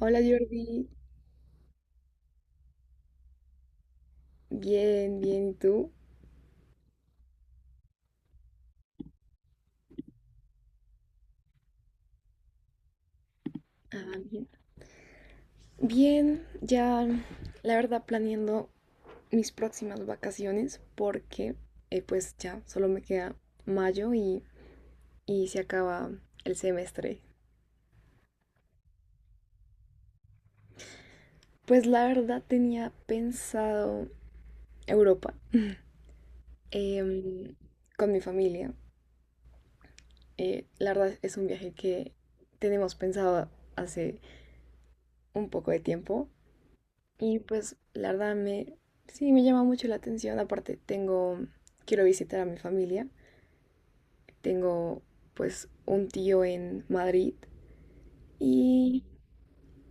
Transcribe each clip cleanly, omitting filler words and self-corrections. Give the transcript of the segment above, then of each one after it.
Hola Jordi, bien, bien, ¿y tú? Ah, bien. Bien, ya la verdad planeando mis próximas vacaciones porque pues ya solo me queda mayo y se acaba el semestre. Pues la verdad tenía pensado Europa, em, con mi familia. La verdad es un viaje que tenemos pensado hace un poco de tiempo. Y pues la verdad sí, me llama mucho la atención. Aparte quiero visitar a mi familia. Tengo pues un tío en Madrid y,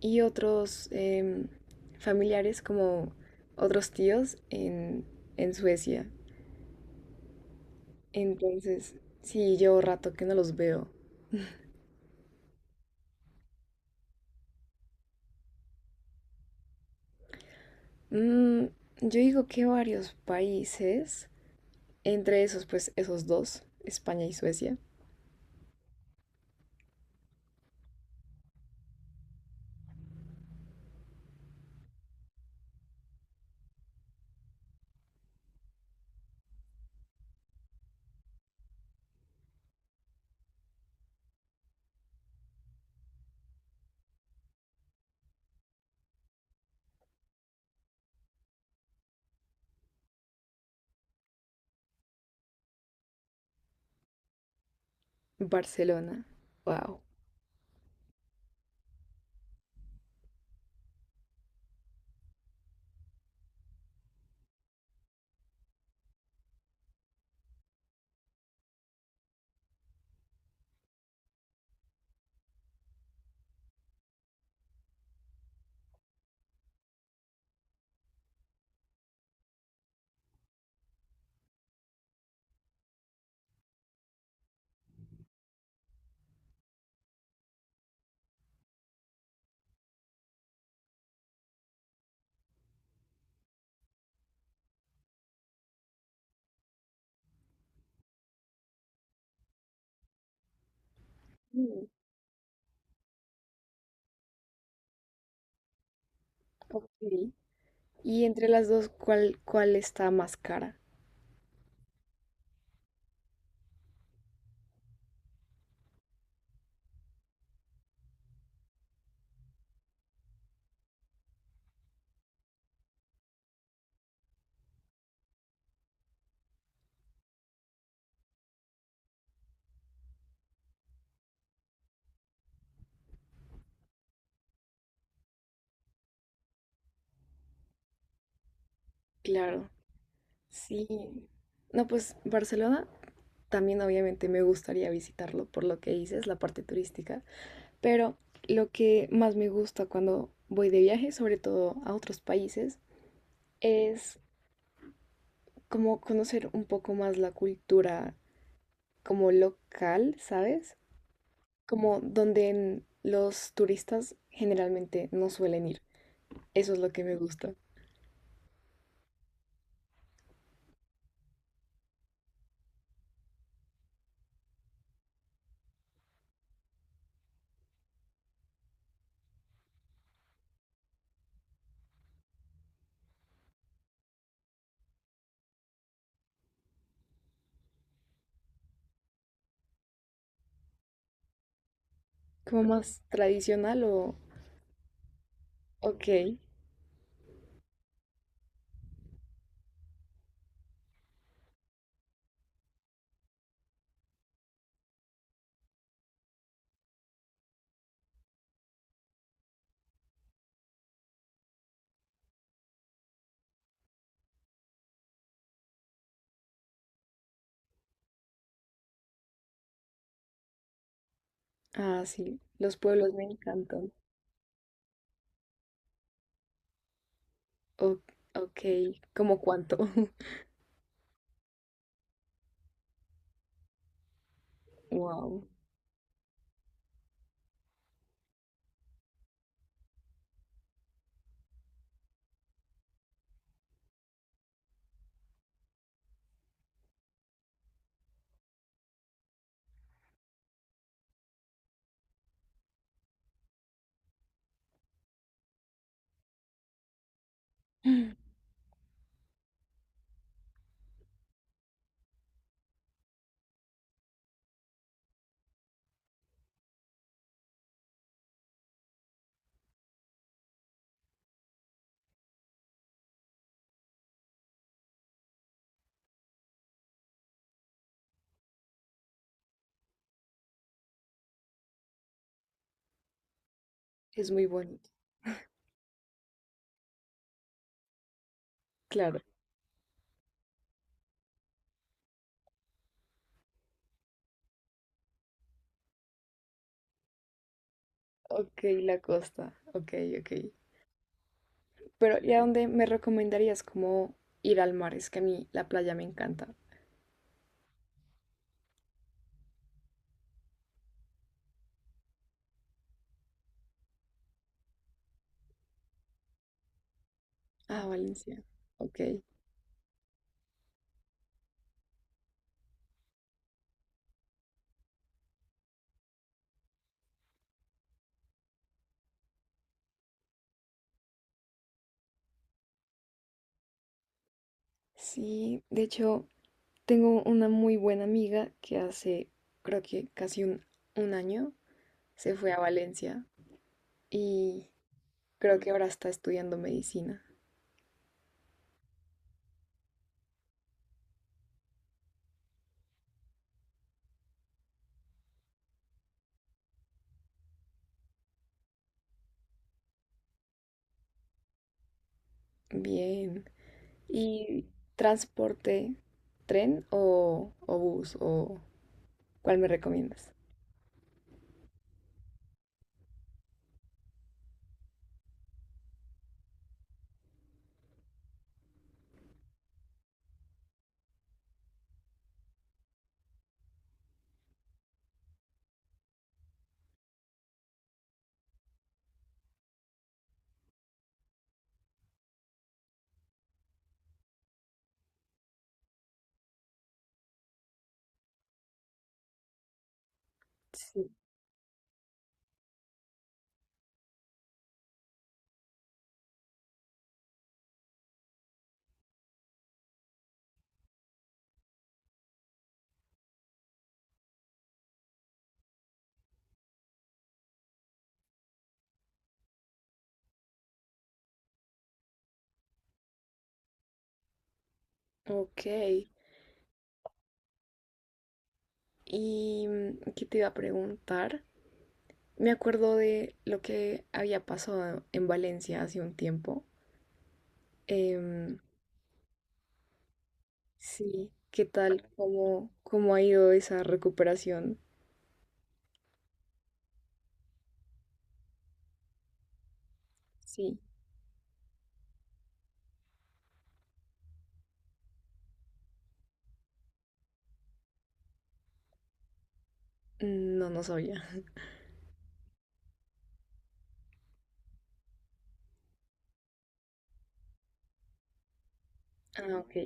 y otros familiares como otros tíos en Suecia. Entonces, sí, llevo rato que no los veo. Mm, yo digo que varios países, entre esos pues esos dos, España y Suecia. Barcelona. Wow. Mm, ok. Y entre las dos, ¿cuál, cuál está más cara? Claro, sí. No, pues Barcelona también obviamente me gustaría visitarlo por lo que dices, la parte turística, pero lo que más me gusta cuando voy de viaje, sobre todo a otros países, es como conocer un poco más la cultura como local, ¿sabes? Como donde los turistas generalmente no suelen ir. Eso es lo que me gusta. ¿Como más tradicional o...? Ok. Ah, sí, los pueblos me encantan. O- ok, ¿cómo cuánto? Wow, es muy bonito. Claro, ok, la costa, ok, ok. Pero ¿y a dónde me recomendarías como ir al mar? Es que a mí la playa me encanta. Ah, Valencia, ok. Sí, de hecho, tengo una muy buena amiga creo que casi un año, se fue a Valencia y creo que ahora está estudiando medicina. Bien. Y transporte, tren o bus o ¿cuál me recomiendas? Sí. Ok. ¿Y qué te iba a preguntar? Me acuerdo de lo que había pasado en Valencia hace un tiempo. Em, sí, ¿qué tal? Cómo ha ido esa recuperación? Sí, mm, no, no sabía. Ah, ok.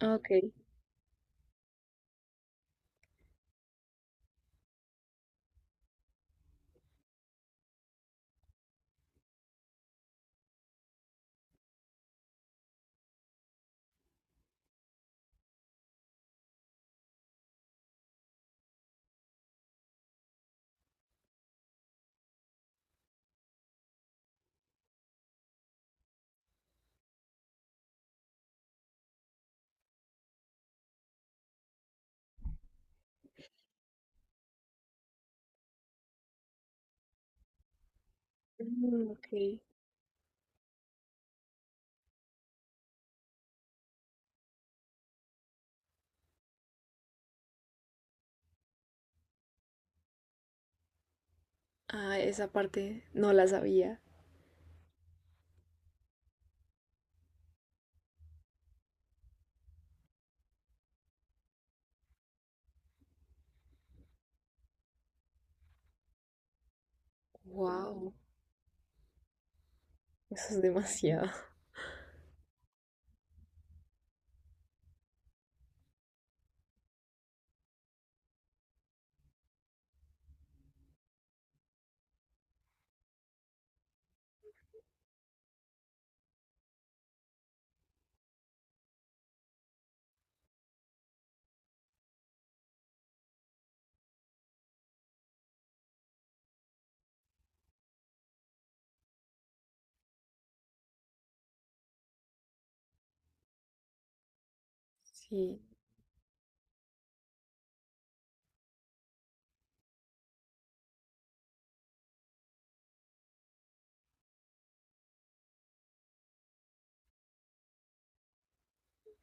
Ok. Mm, ok. Ah, esa parte no la sabía. Wow, eso es demasiado. Sí,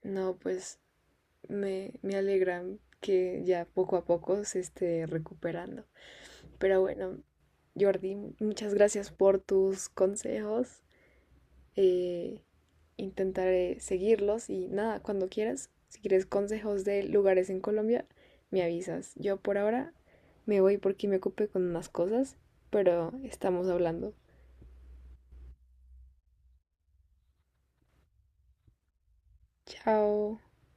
no, pues me alegra que ya poco a poco se esté recuperando. Pero bueno, Jordi, muchas gracias por tus consejos. eh, Intentaré seguirlos y nada, cuando quieras, si quieres consejos de lugares en Colombia, me avisas. Yo por ahora me voy porque me ocupé con unas cosas, pero estamos hablando. Chao.